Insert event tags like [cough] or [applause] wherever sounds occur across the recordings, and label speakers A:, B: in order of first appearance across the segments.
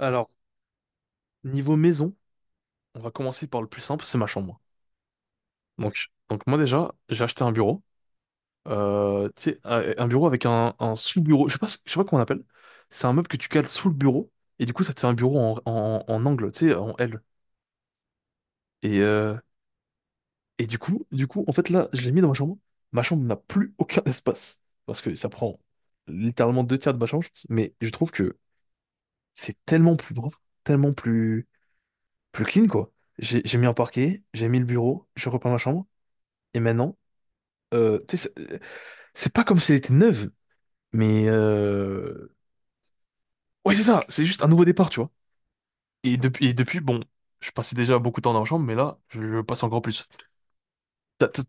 A: Alors, niveau maison, on va commencer par le plus simple, c'est ma chambre. Donc moi déjà, j'ai acheté un bureau. Tu sais, un bureau avec un sous-bureau. Je sais pas, je sais pas comment on appelle. C'est un meuble que tu cales sous le bureau. Et du coup, ça te fait un bureau en angle, tu sais, en L. Et, euh, et du coup, en fait, là, je l'ai mis dans ma chambre. Ma chambre n'a plus [laughs] aucun espace. Parce que ça prend littéralement deux tiers de ma chambre. Mais je trouve que c'est tellement plus propre, tellement plus, plus clean, quoi. J'ai mis un parquet, j'ai mis le bureau, je repeins ma chambre. Et maintenant, tu sais, c'est pas comme si elle était neuve, mais ouais, c'est ça, c'est juste un nouveau départ, tu vois. Et depuis, bon, je passais déjà beaucoup de temps dans la chambre, mais là, je passe encore plus. T'as- t'as-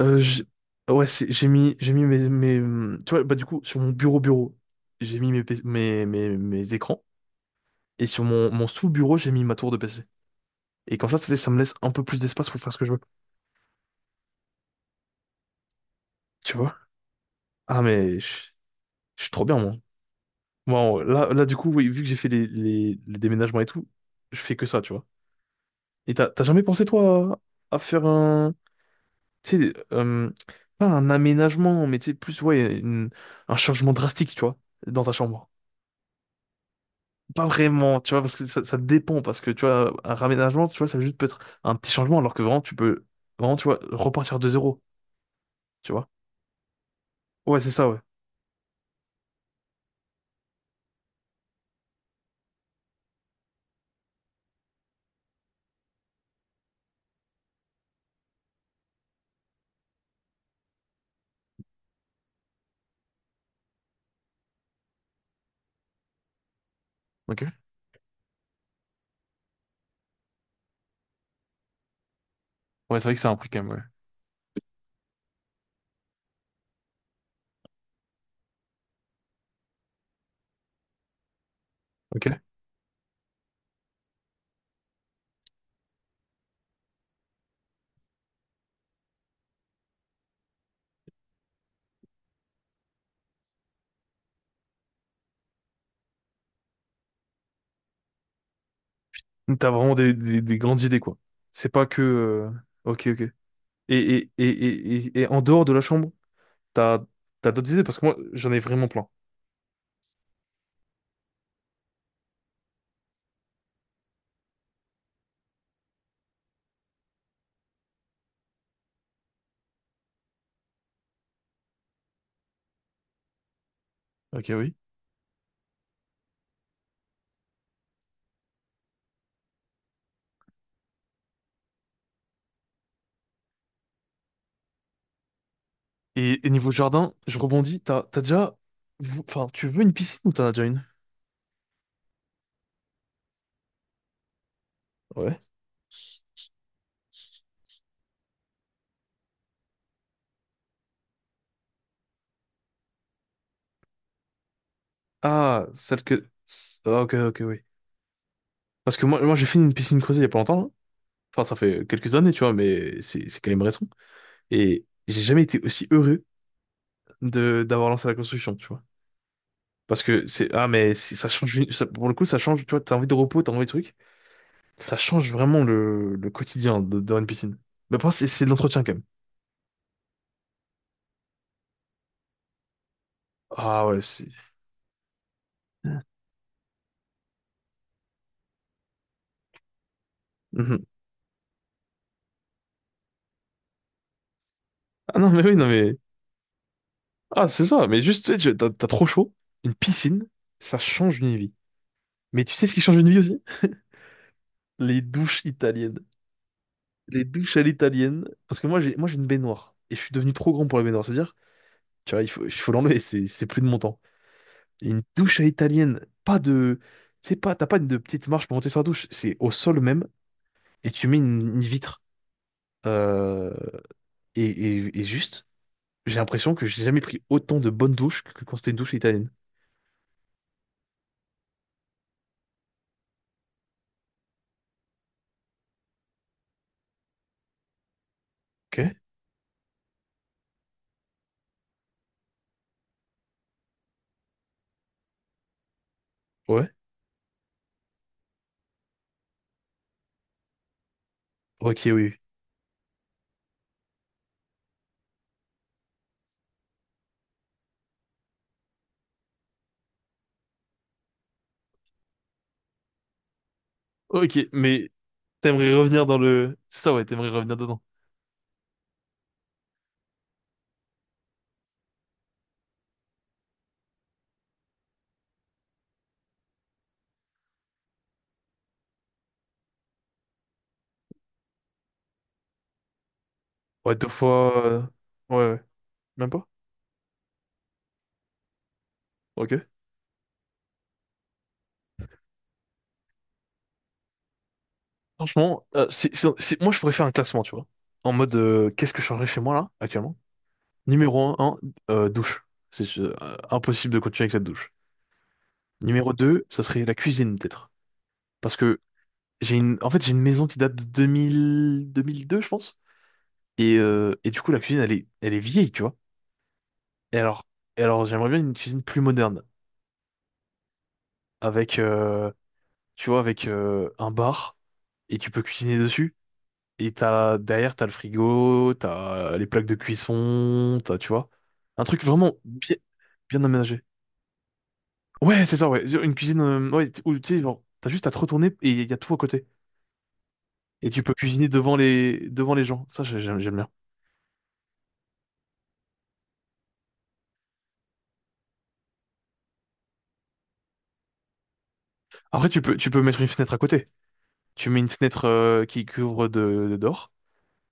A: euh, j'ai- ouais, j'ai mis mes, tu vois, bah du coup, sur mon bureau, j'ai mis PC mes écrans, et sur mon sous-bureau, j'ai mis ma tour de PC. Et comme ça, tu sais, ça me laisse un peu plus d'espace pour faire ce que je veux, tu vois. Ah mais, je suis trop bien, moi. Bon, là, du coup, oui, vu que j'ai fait les déménagements et tout, je fais que ça, tu vois. Et t'as jamais pensé, toi, à faire un... Tu sais, pas un aménagement, mais tu sais, plus, ouais, un changement drastique, tu vois, dans ta chambre. Pas vraiment, tu vois, parce que ça dépend, parce que, tu vois, un raménagement, tu vois, ça juste peut être un petit changement, alors que vraiment, tu peux, vraiment, tu vois, repartir de zéro, tu vois. Ouais, c'est ça, ouais. Ok. Ouais, c'est vrai que c'est un prix quand même, ouais. Ok. Donc, t'as vraiment des grandes idées, quoi. C'est pas que... Ok, ok. Et en dehors de la chambre, t'as, t'as d'autres idées? Parce que moi, j'en ai vraiment plein. Ok, oui. Et niveau jardin, je rebondis, t'as déjà... Enfin, tu veux une piscine ou t'en as déjà une? Ouais. Ah, celle que... Ah, ok, ok, oui. Parce que moi j'ai fini une piscine creusée il y a pas longtemps là. Enfin, ça fait quelques années, tu vois, mais c'est quand même récent. Et j'ai jamais été aussi heureux de d'avoir lancé la construction, tu vois. Parce que c'est... Ah, mais ça change... pour le coup, ça change, tu vois, t'as envie de repos, t'as envie de trucs. Ça change vraiment le quotidien dans une piscine. Mais après, c'est de l'entretien quand même. Ah ouais, c'est... Mhm. Ah non, mais oui, non, mais... Ah, c'est ça, mais juste, tu sais, t'as trop chaud. Une piscine, ça change une vie. Mais tu sais ce qui change une vie aussi? Les douches italiennes. Les douches à l'italienne. Parce que moi, j'ai une baignoire. Et je suis devenu trop grand pour la baignoire. C'est-à-dire, tu vois, il faut l'enlever, c'est plus de mon temps. Et une douche à l'italienne, pas de... Tu sais pas, t'as pas de petite marche pour monter sur la douche. C'est au sol même, et tu mets une vitre. Euh, et juste, j'ai l'impression que j'ai jamais pris autant de bonnes douches que quand c'était une douche italienne. Ok, ouais. Ok, oui. Oui. Ok, mais t'aimerais revenir dans le... C'est ça, ouais, t'aimerais revenir dedans. Ouais, deux fois. Ouais, ouais. Même pas? Ok. Franchement, moi je pourrais faire un classement, tu vois. En mode, qu'est-ce que je changerais chez moi là, actuellement? Numéro 1, douche. C'est impossible de continuer avec cette douche. Numéro 2 ça serait la cuisine, peut-être. Parce que j'ai une... En fait, j'ai une maison qui date de 2000... 2002, je pense. Et du coup, la cuisine, elle est vieille, tu vois. Et alors, et alors j'aimerais bien une cuisine plus moderne, avec, tu vois, avec un bar, et tu peux cuisiner dessus. Et t'as, derrière, t'as le frigo, t'as les plaques de cuisson, t'as, tu vois, un truc vraiment bien, bien aménagé. Ouais, c'est ça, ouais. Une cuisine, ouais, où, tu sais, genre, t'as juste à te retourner et il y a tout à côté. Et tu peux cuisiner devant les gens. Ça, j'aime bien. Après, tu peux mettre une fenêtre à côté. Tu mets une fenêtre, qui ouvre de dehors.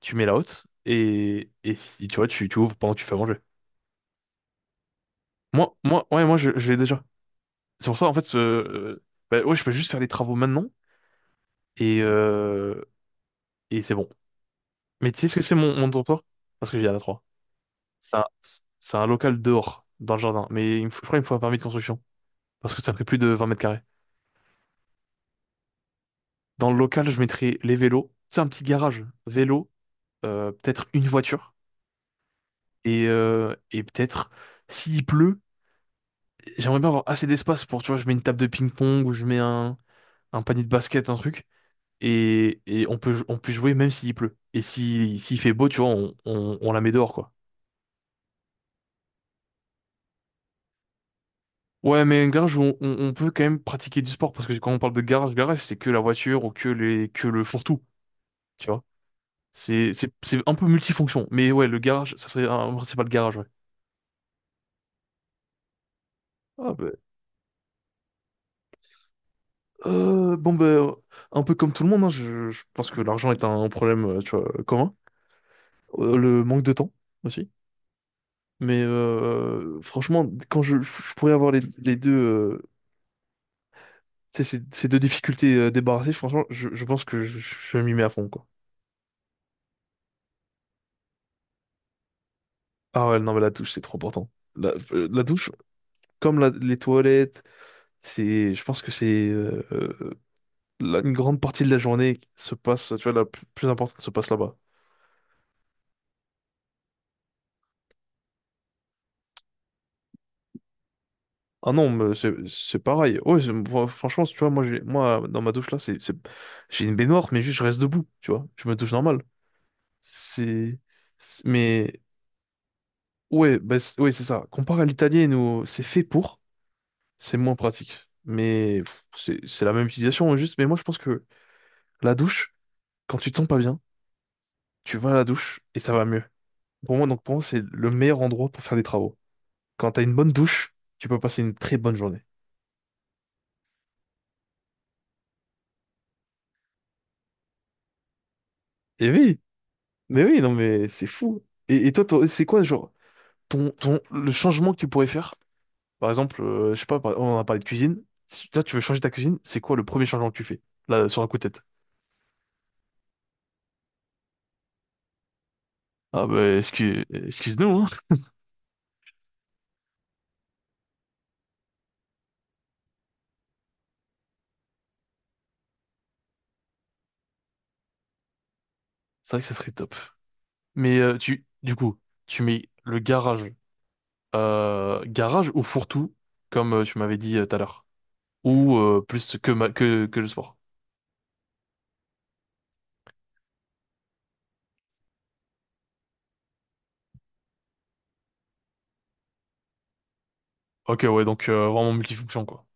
A: Tu mets la haute et si, tu vois, tu ouvres pendant que tu fais à manger. Moi, je l'ai déjà. C'est pour ça, en fait, bah, ouais, je peux juste faire les travaux maintenant et, euh, et c'est bon. Mais tu sais ce que c'est mon dortoir? Parce que j'ai la 3. C'est un, c'est un local dehors, dans le jardin. Je crois qu'il me faut un permis de construction. Parce que ça fait plus de 20 mètres carrés. Dans le local, je mettrai les vélos. C'est un petit garage. Vélo, peut-être une voiture. Et peut-être, s'il pleut, j'aimerais bien avoir assez d'espace pour, tu vois, je mets une table de ping-pong ou je mets un panier de basket, un truc, et on peut jouer même s'il pleut. Et si, s'il fait beau, tu vois, on la met dehors, quoi. Ouais, mais un garage, où on peut quand même pratiquer du sport, parce que quand on parle de garage, garage, c'est que la voiture ou que le fourre-tout, tu vois. C'est un peu multifonction, mais ouais, le garage, ça serait un principal garage, ouais. Ah bah, bon bah, un peu comme tout le monde, hein, je pense que l'argent est un problème, tu vois, commun. Le manque de temps aussi. Mais franchement, quand je pourrais avoir les deux. Tu sais, ces deux difficultés débarrassées, franchement, je pense que je m'y mets à fond, quoi. Ah ouais, non, mais la douche, c'est trop important. La douche, comme les toilettes, c'est, je pense que c'est une grande partie de la journée qui se passe, tu vois, la plus importante se passe là-bas. Ah non, mais c'est pareil. Ouais, moi, franchement, tu vois, moi, moi, dans ma douche là, j'ai une baignoire, mais juste je reste debout, tu vois. Je me douche normal. C'est, mais ouais, bah, ouais, c'est ça. Comparé à l'italienne où c'est fait pour. C'est moins pratique. Mais pff, c'est la même utilisation, hein, juste. Mais moi, je pense que la douche, quand tu te sens pas bien, tu vas à la douche et ça va mieux. Pour moi, donc, pour moi, c'est le meilleur endroit pour faire des travaux. Quand t'as une bonne douche, tu peux passer une très bonne journée. Et oui, mais oui, non, mais c'est fou. Et toi, toi, c'est quoi, genre, le changement que tu pourrais faire? Par exemple, je sais pas, on a parlé de cuisine. Là, tu veux changer ta cuisine, c'est quoi le premier changement que tu fais? Là, sur un coup de tête. Ah, bah, excuse-nous, hein. C'est vrai que ça serait top. Mais du coup, tu mets le garage, garage ou fourre-tout, comme tu m'avais dit tout à l'heure, ou plus que, que le sport. Ok, ouais, donc vraiment multifonction, quoi.